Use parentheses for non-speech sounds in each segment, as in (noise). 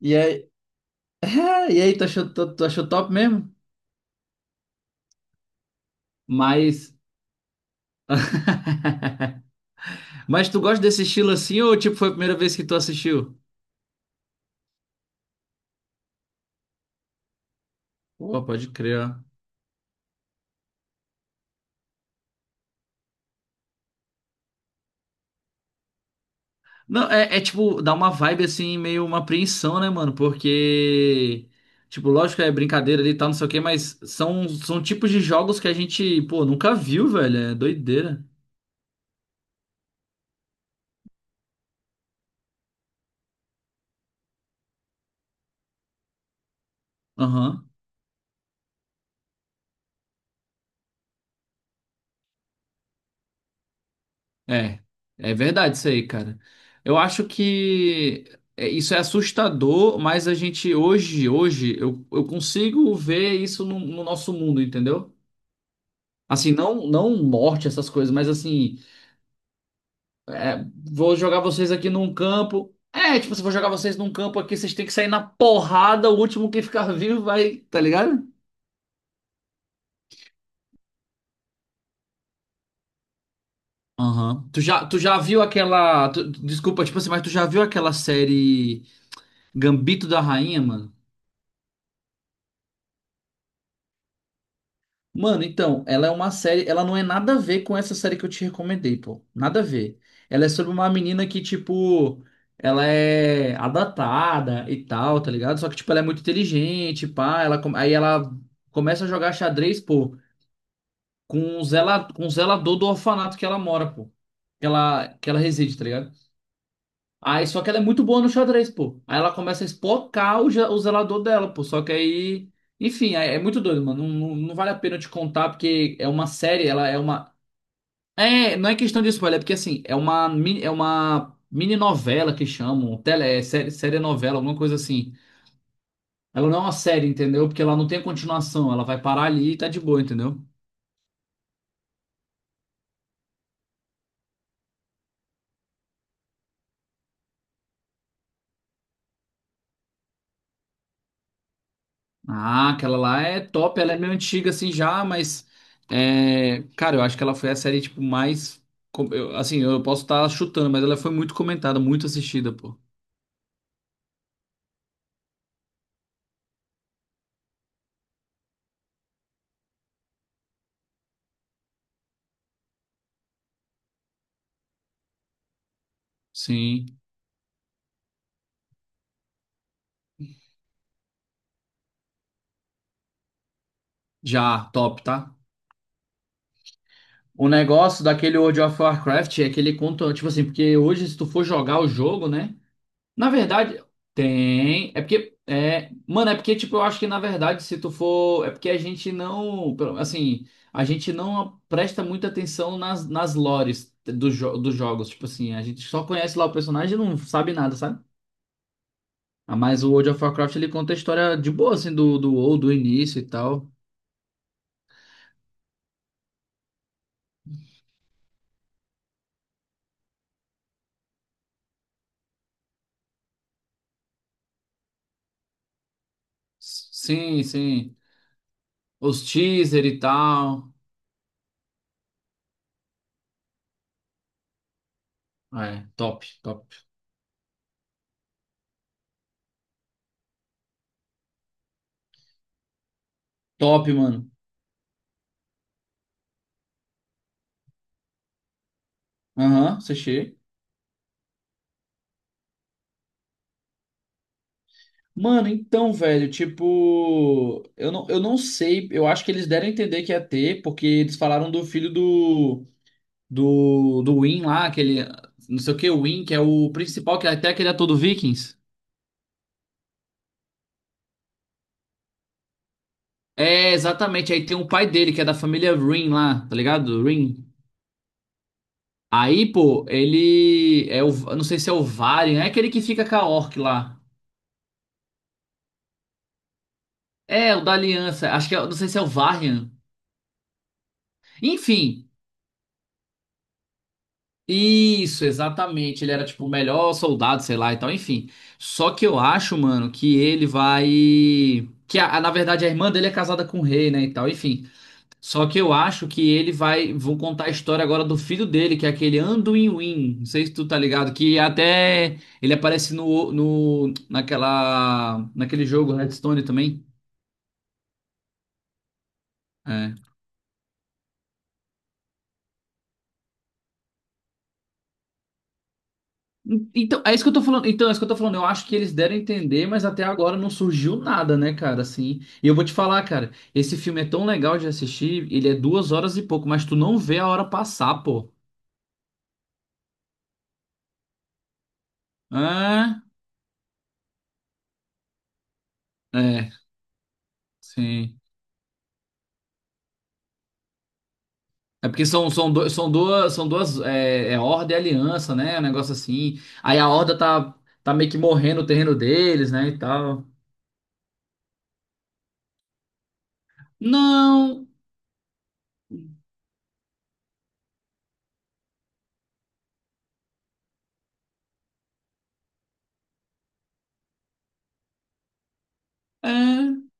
E aí, (laughs) e aí, tu achou top mesmo? Mas. (laughs) Mas tu gosta desse estilo assim ou tipo foi a primeira vez que tu assistiu? Pô, pode crer, ó. Não, é, é tipo, dá uma vibe assim, meio uma apreensão, né, mano? Porque. Tipo, lógico é brincadeira ali e tal, não sei o quê, mas são tipos de jogos que a gente, pô, nunca viu, velho. É doideira. Aham. É, é verdade isso aí, cara. Eu acho que é, isso é assustador, mas a gente hoje, eu consigo ver isso no nosso mundo, entendeu? Assim, não morte, essas coisas, mas assim, é, vou jogar vocês aqui num campo. É, tipo, se eu vou jogar vocês num campo aqui, vocês têm que sair na porrada, o último que ficar vivo vai, tá ligado? Aham. Tu já viu aquela. Tu- desculpa, tipo assim, mas tu já viu aquela série Gambito da Rainha, mano? Mano, então, ela é uma série, ela não é nada a ver com essa série que eu te recomendei, pô. Nada a ver. Ela é sobre uma menina que, tipo, ela é adaptada e tal, tá ligado? Só que, tipo, ela é muito inteligente, pá. Ela, come- aí ela começa a jogar xadrez, pô, com o zela, com o zelador do orfanato que ela mora, pô. Que ela reside, tá ligado? Aí, só que ela é muito boa no xadrez, pô. Aí ela começa a espocar o, ge- o zelador dela, pô. Só que aí. Enfim, é, é muito doido, mano. Não vale a pena eu te contar, porque é uma série, ela é uma. É, não é questão de spoiler, é porque assim, é uma mini novela que chamam, tele, é série, série novela, alguma coisa assim. Ela não é uma série, entendeu? Porque ela não tem continuação, ela vai parar ali e tá de boa, entendeu? Ah, aquela lá é top, ela é meio antiga assim já, mas é, cara, eu acho que ela foi a série tipo mais com- eu- assim, eu posso estar chutando, mas ela foi muito comentada, muito assistida, pô. Sim, já, top, tá? O negócio daquele World of Warcraft é que ele conta, tipo assim, porque hoje se tu for jogar o jogo, né? Na verdade, tem. É porque. É... Mano, é porque, tipo, eu acho que na verdade, se tu for. É porque a gente não. pelo- Assim, a gente não presta muita atenção nas, nas lores dos jo- dos jogos. Tipo assim, a gente só conhece lá o personagem e não sabe nada, sabe? Ah, mas o World of Warcraft ele conta a história de boa, assim, do WoW, do início e tal. S- Sim. Os teaser e tal. É, top. Top, mano. Aham, uhum. Mano, então, velho, tipo, eu não sei, eu acho que eles deram a entender que ia ter, porque eles falaram do filho do, do Win lá, aquele, não sei o que, o Win, que é o principal, que é até aquele ator do Vikings. É, exatamente, aí tem o pai dele, que é da família Rin lá, tá ligado? Rin. Aí, pô, ele é o, eu não sei se é o Varian, é aquele que fica com a Orc lá. É, o da Aliança, acho que é, não sei se é o Varian. Enfim. Isso, exatamente. Ele era tipo o melhor soldado, sei lá e tal, enfim. Só que eu acho, mano, que ele vai. Que a- na verdade a irmã dele é casada com o rei, né e tal, enfim. Só que eu acho que ele vai. Vão contar a história agora do filho dele, que é aquele Anduin Win. Não sei se tu tá ligado, que até ele aparece no, no naquela naquele jogo Redstone também. É. Então, é isso que eu tô falando. Então, é isso que eu tô falando. Eu acho que eles deram a entender, mas até agora não surgiu nada, né, cara? Assim, e eu vou te falar, cara, esse filme é tão legal de assistir, ele é 2 horas e pouco, mas tu não vê a hora passar, pô. Ah, é, sim. É porque são, são, do- são duas, é, é Horda e Aliança, né? Um negócio assim. Aí a Horda tá, tá meio que morrendo o terreno deles, né, e tal. Não, é.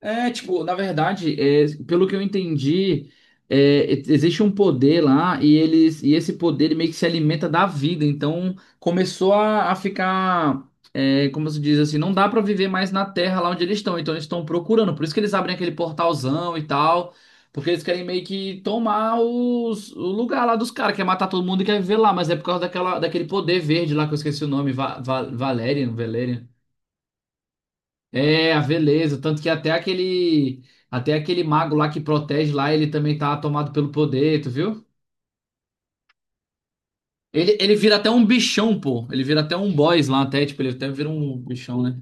É, tipo, na verdade, é, pelo que eu entendi, é, e- existe um poder lá e eles e esse poder ele meio que se alimenta da vida. Então começou a ficar, é, como se diz assim, não dá pra viver mais na Terra lá onde eles estão. Então eles estão procurando. Por isso que eles abrem aquele portalzão e tal, porque eles querem meio que tomar os- o lugar lá dos caras, quer matar todo mundo e quer viver lá. Mas é por causa daquela, daquele poder verde lá que eu esqueci o nome, Va, Va, Valerian. É, a veleza. Tanto que até aquele mago lá que protege lá, ele também tá tomado pelo poder, tu viu? Ele vira até um bichão, pô. Ele vira até um boss lá, até, tipo, ele até vira um bichão, né?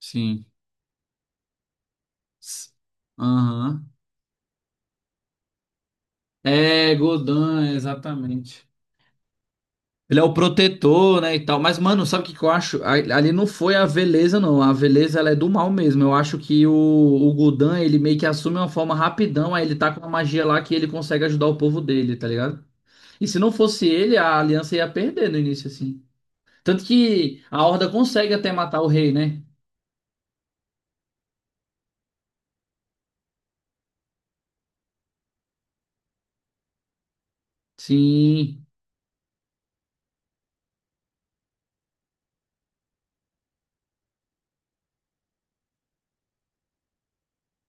Sim. S- Aham. É, Godan, exatamente. Ele é o protetor, né, e tal. Mas, mano, sabe o que que eu acho? A- Ali não foi a Veleza, não. A Veleza, ela é do mal mesmo. Eu acho que o Godan, ele meio que assume uma forma rapidão, aí ele tá com uma magia lá que ele consegue ajudar o povo dele, tá ligado? E se não fosse ele, a aliança ia perder no início, assim. Tanto que a Horda consegue até matar o rei, né? Sim,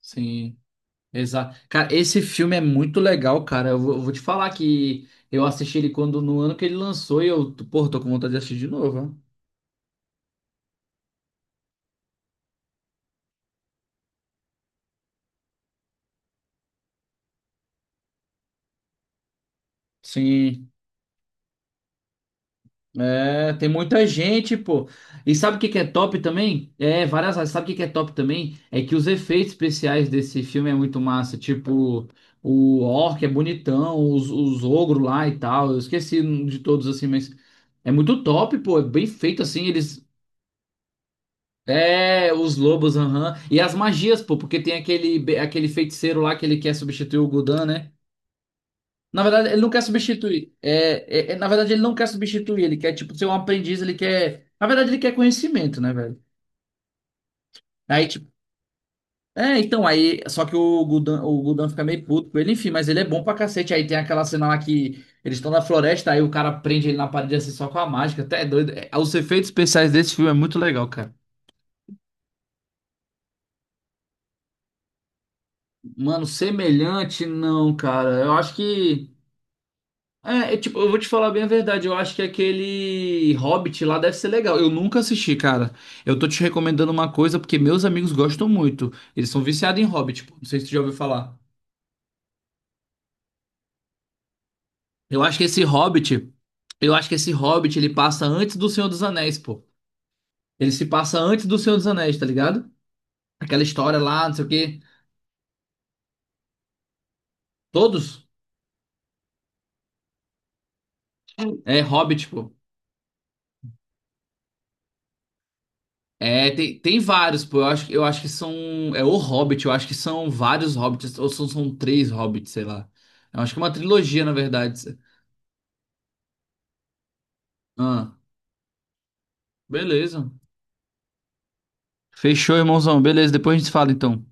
sim. Exato. Cara, esse filme é muito legal, cara. Eu vou te falar que eu assisti ele quando no ano que ele lançou e eu, pô, tô com vontade de assistir de novo, ó. Sim. É, tem muita gente, pô. E sabe o que que é top também? É, várias. Áreas. Sabe o que que é top também? É que os efeitos especiais desse filme é muito massa. Tipo, o orc é bonitão, os ogros lá e tal. Eu esqueci de todos assim, mas é muito top, pô. É bem feito assim. Eles. É, os lobos, aham. E as magias, pô, porque tem aquele, aquele feiticeiro lá que ele quer substituir o Gudan, né? Na verdade, ele não quer substituir. É, é- é- na verdade, ele não quer substituir. Ele quer, tipo, ser um aprendiz. Ele quer. Na verdade, ele quer conhecimento, né, velho? Aí, tipo. É, então, aí. Só que o Gudan fica meio puto com ele, enfim, mas ele é bom pra cacete. Aí tem aquela cena lá que eles estão na floresta, aí o cara prende ele na parede assim só com a mágica. Até é doido. É, os efeitos especiais desse filme é muito legal, cara. Mano, semelhante, não, cara. Eu acho que. É, é, tipo, eu vou te falar bem a verdade. Eu acho que aquele Hobbit lá deve ser legal. Eu nunca assisti, cara. Eu tô te recomendando uma coisa porque meus amigos gostam muito. Eles são viciados em Hobbit, pô. Não sei se tu já ouviu falar. Eu acho que esse Hobbit, eu acho que esse Hobbit ele passa antes do Senhor dos Anéis, pô. Ele se passa antes do Senhor dos Anéis, tá ligado? Aquela história lá, não sei o quê. Todos é Hobbit, pô. É, tem vários, pô. Eu acho que são. É o Hobbit, eu acho que são vários Hobbits, ou são, são 3 Hobbits, sei lá. Eu acho que é uma trilogia, na verdade. Ah, beleza. Fechou, irmãozão. Beleza, depois a gente fala então.